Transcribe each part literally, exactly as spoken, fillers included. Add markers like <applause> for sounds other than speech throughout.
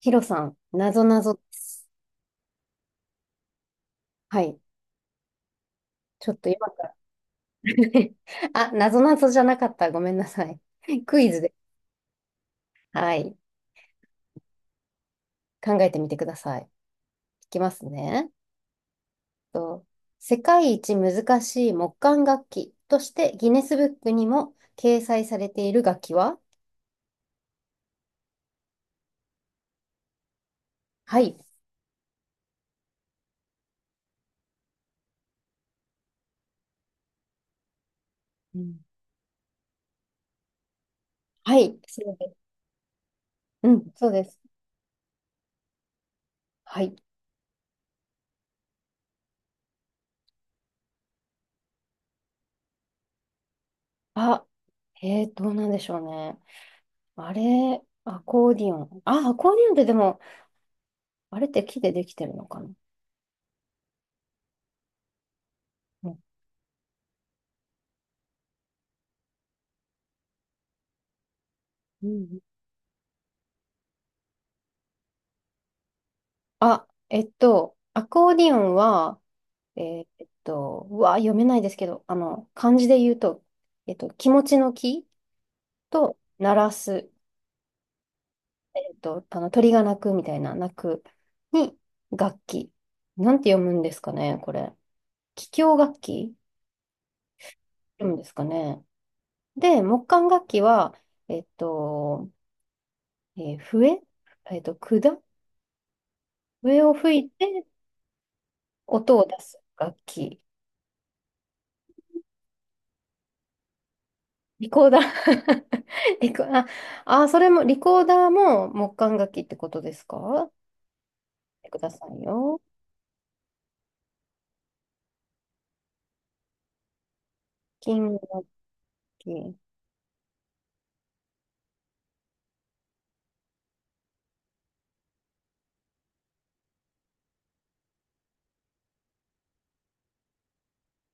ヒロさん、なぞなぞです。はい。ちょっと今から <laughs> あ、なぞなぞじゃなかった。ごめんなさい。<laughs> クイズで。はい。考えてみてください。いきますね。と、世界一難しい木管楽器としてギネスブックにも掲載されている楽器は？はい。うん、はい。そうです。うん、そうです。はい。あ、えー、どうなんでしょうね。あれ、アコーディオン。あ、アコーディオンってでも、あれって木でできてるのかな。うんうん、あ、えっと、アコーディオンは、えーえっと、うわ、読めないですけど、あの、漢字で言うと、えっと、気持ちの気と鳴らす、えっと、あの、鳥が鳴くみたいな鳴くに楽器。なんて読むんですかね、これ。気境楽器読むんですかね。で、木管楽器は、えっと、えー笛、えっと、管笛を吹いて音を出す楽器。リコーダー <laughs> リコ、あ、あ、それも、リコーダーも木管楽器ってことですか？見てくださいよ。金楽器。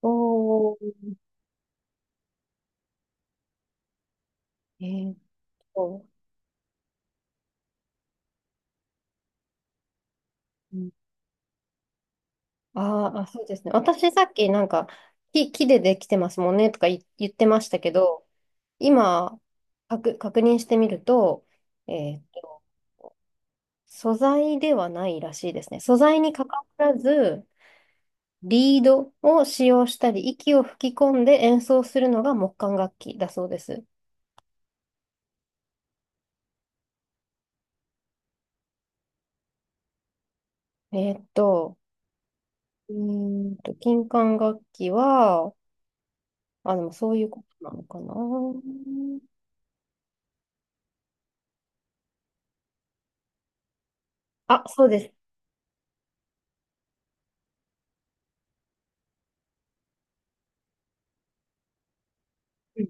おー、えーっと、うん、あーあ、そうですね。私さっきなんか、木、木でできてますもんねとか言、言ってましたけど、今、確、確認してみると、えーっと、素材ではないらしいですね。素材にかからず、リードを使用したり、息を吹き込んで演奏するのが木管楽器だそうです。えーっと、うーんと、金管楽器は、あ、でもそういうことなのかな。あ、そうです。うん、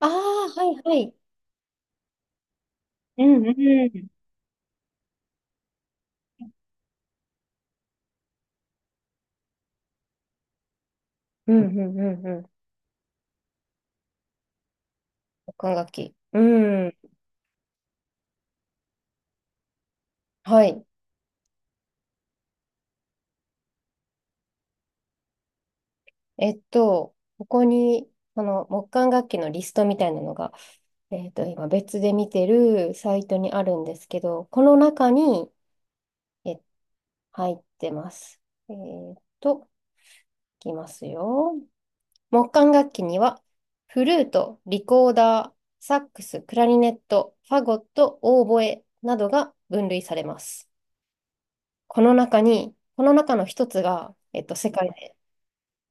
ああ、はいはい。うんうん。うんうんうんうん。木管楽器。うん。はい。えっと、ここに、その木管楽器のリストみたいなのが、えっと、今別で見てるサイトにあるんですけど、この中に、えっ入ってます。えーっと、いきますよ。木管楽器には、フルート、リコーダー、サックス、クラリネット、ファゴット、オーボエなどが分類されます。この中に、この中の一つが、えっと、世界で、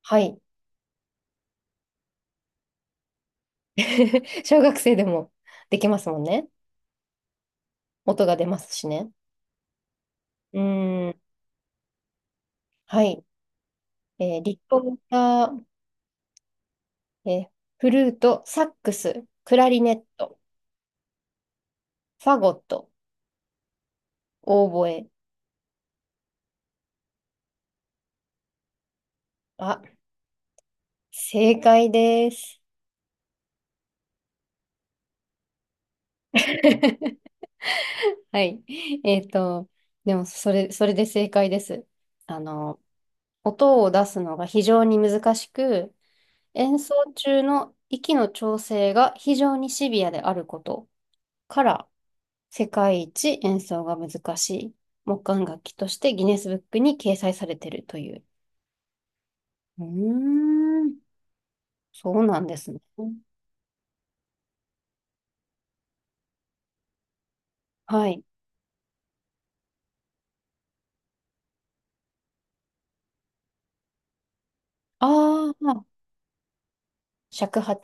はい。<laughs> 小学生でもできますもんね。音が出ますしね。うーん。はい。えーリコーダー、えーフルート、サックス、クラリネット、ファゴット、オーボエ。あ、正解です。<laughs> はい。えっと、でも、それ、それで正解です。あの、音を出すのが非常に難しく、演奏中の息の調整が非常にシビアであることから、世界一演奏が難しい木管楽器としてギネスブックに掲載されているという。うーん、そうなんですね。はい。ああ、尺八。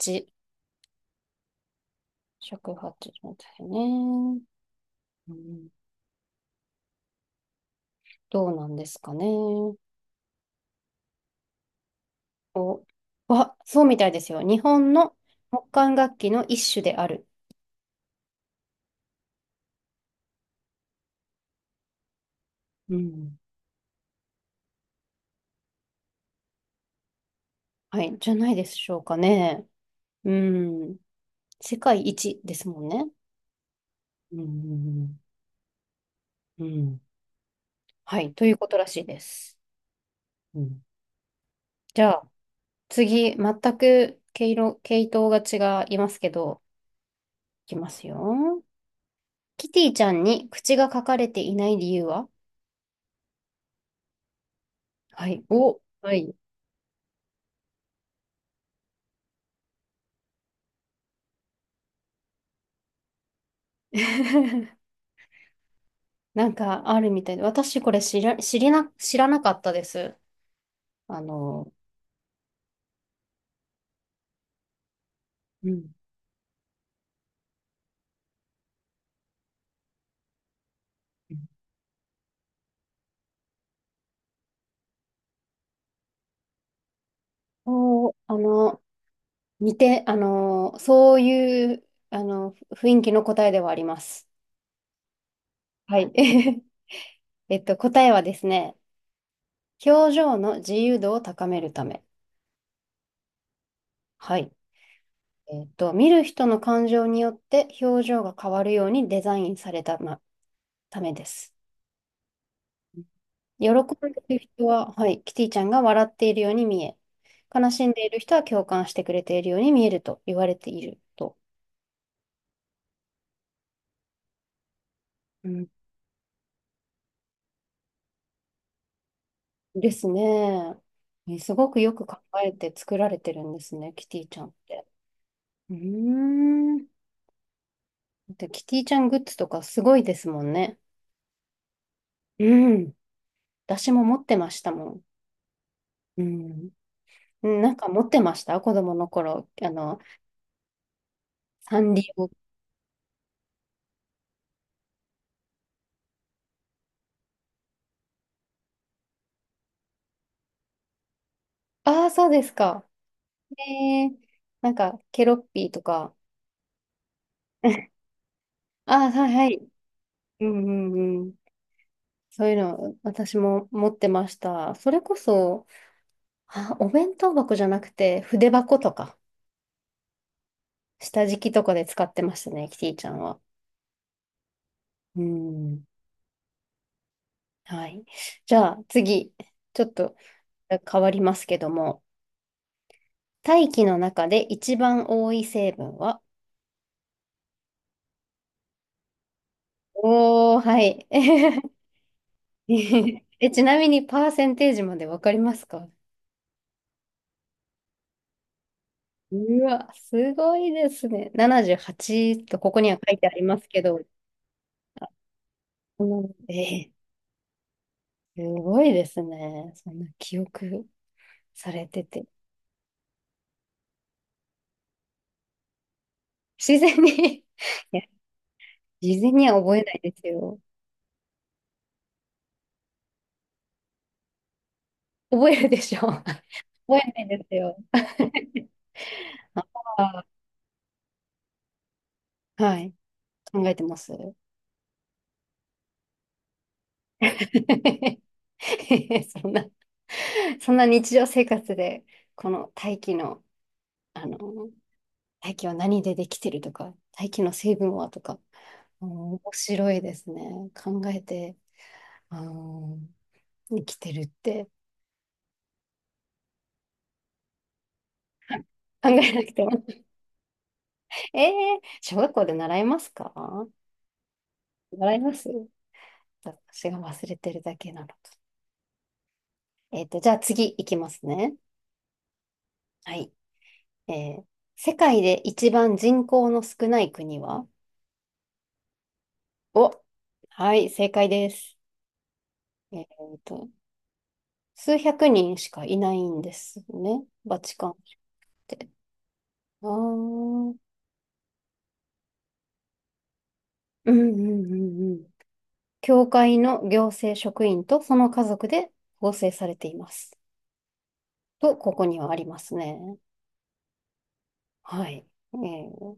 尺八みたいね。うん、どうなんですかね。お、わそうみたいですよ。日本の木管楽器の一種である。うん。はい、じゃないでしょうかね。うん。世界一ですもんね。うん。うん。うん、はい、ということらしいです。うん。じゃあ、次、全く毛色、系統が違いますけど、いきますよ。キティちゃんに口が書かれていない理由は？はい。お、はい。<laughs> なんかあるみたいで、私これ知ら、知りな、知らなかったです。あの、うん。そう、あの、似て、あの、そういう、あの、雰囲気の答えではあります。はい。<laughs> えっと、答えはですね、表情の自由度を高めるため。はい。えっと、見る人の感情によって表情が変わるようにデザインされた、ま、ためです。喜んでいる人は、はい、キティちゃんが笑っているように見え、悲しんでいる人は共感してくれているように見えると言われていると。うん、ですね。えすごくよく考えて作られてるんですね、キティちゃんって。うーん。で、キティちゃんグッズとかすごいですもんね。うん。私も持ってましたもん。うん。うん、なんか持ってました、子供の頃。あの、サンリオ。ああ、そうですか。えー、なんか、ケロッピーとか。<laughs> あ、はいはい。うんうんうん。そういうの、私も持ってました。それこそ、あ、お弁当箱じゃなくて、筆箱とか、下敷きとかで使ってましたね、キティちゃんは。うん。はい。じゃあ、次、ちょっと変わりますけども、大気の中で一番多い成分は？おー、はい。<laughs> え、ちなみに、パーセンテージまでわかりますか？うわ、すごいですね。ななじゅうはちとここには書いてありますけど、うんえー、すごいですね。そんな記憶されてて。自然に <laughs> いや、自然には覚えないですよ。覚えるでしょ <laughs> 覚えないですよ。<laughs> あーはい。考えてます。<laughs> そんな、そんな日常生活で、この大気の、あの、大気は何でできてるとか、大気の成分はとか、うん面白いですね。考えて、あの、生きてるって。考えなくても。<laughs> ええ小学校で習いますか？習います？私が忘れてるだけなのか。えっと、じゃあ次いきますね。はい。えー、世界で一番人口の少ない国は？お、はい、正解です。えっと、数百人しかいないんですね。バチカンって。ああうんうんうんうん。教会の行政職員とその家族で構成されています。と、ここにはありますね。はい。えー、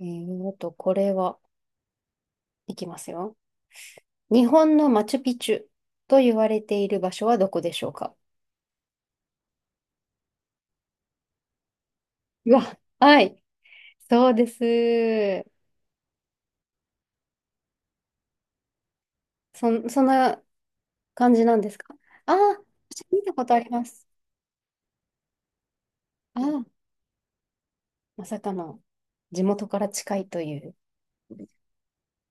えーあと、これは、いきますよ。日本のマチュピチュと言われている場所はどこでしょうか？うわ、はい。そうです。そん、そんな感じなんですか？ああ、私見たことあります。ああ、まさかの地元から近いという。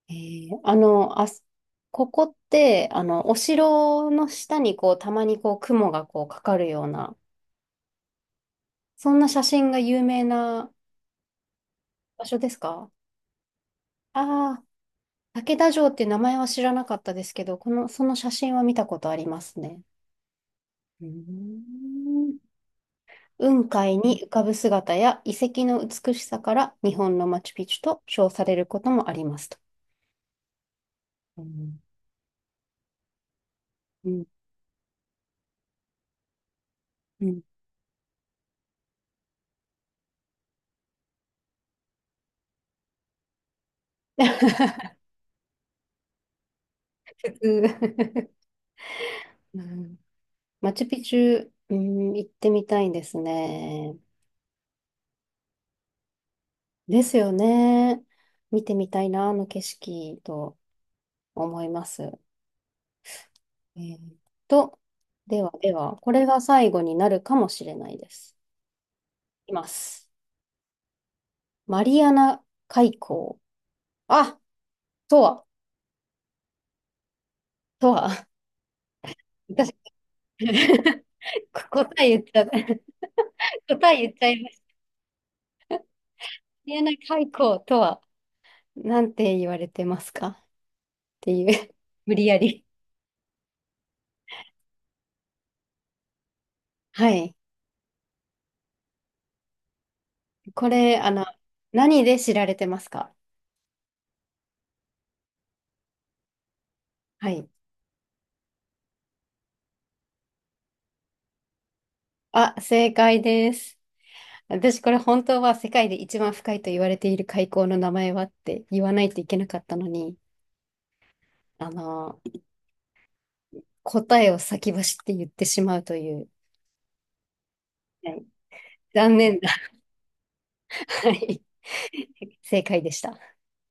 えーあの、あす、ここって、あの、お城の下にこう、たまにこう、雲がこう、かかるような、そんな写真が有名な場所ですか？ああ、竹田城っていう名前は知らなかったですけど、この、その写真は見たことありますね。うーん。雲海に浮かぶ姿や遺跡の美しさから日本のマチュピチュと称されることもありますと。うん。うん。うん。<laughs> 普通。うん。 <laughs> マチュピチュ、うん、行ってみたいんですね。ですよね。見てみたいな、あの景色と思います。えーっと、ではでは、これが最後になるかもしれないです。いきます。マリアナ海溝。あ、とは、とは。私 <laughs>、答え言っちゃった。<laughs> 答え言っちゃいました。マリアナ海溝とは、なんて言われてますかっていう。無理やり。はい。これ、あの、何で知られてますか？はい。あ、正解です。私これ本当は世界で一番深いと言われている海溝の名前はって言わないといけなかったのに、あの、答えを先走って言ってしまうという、はい、残念な、はい、正解でした。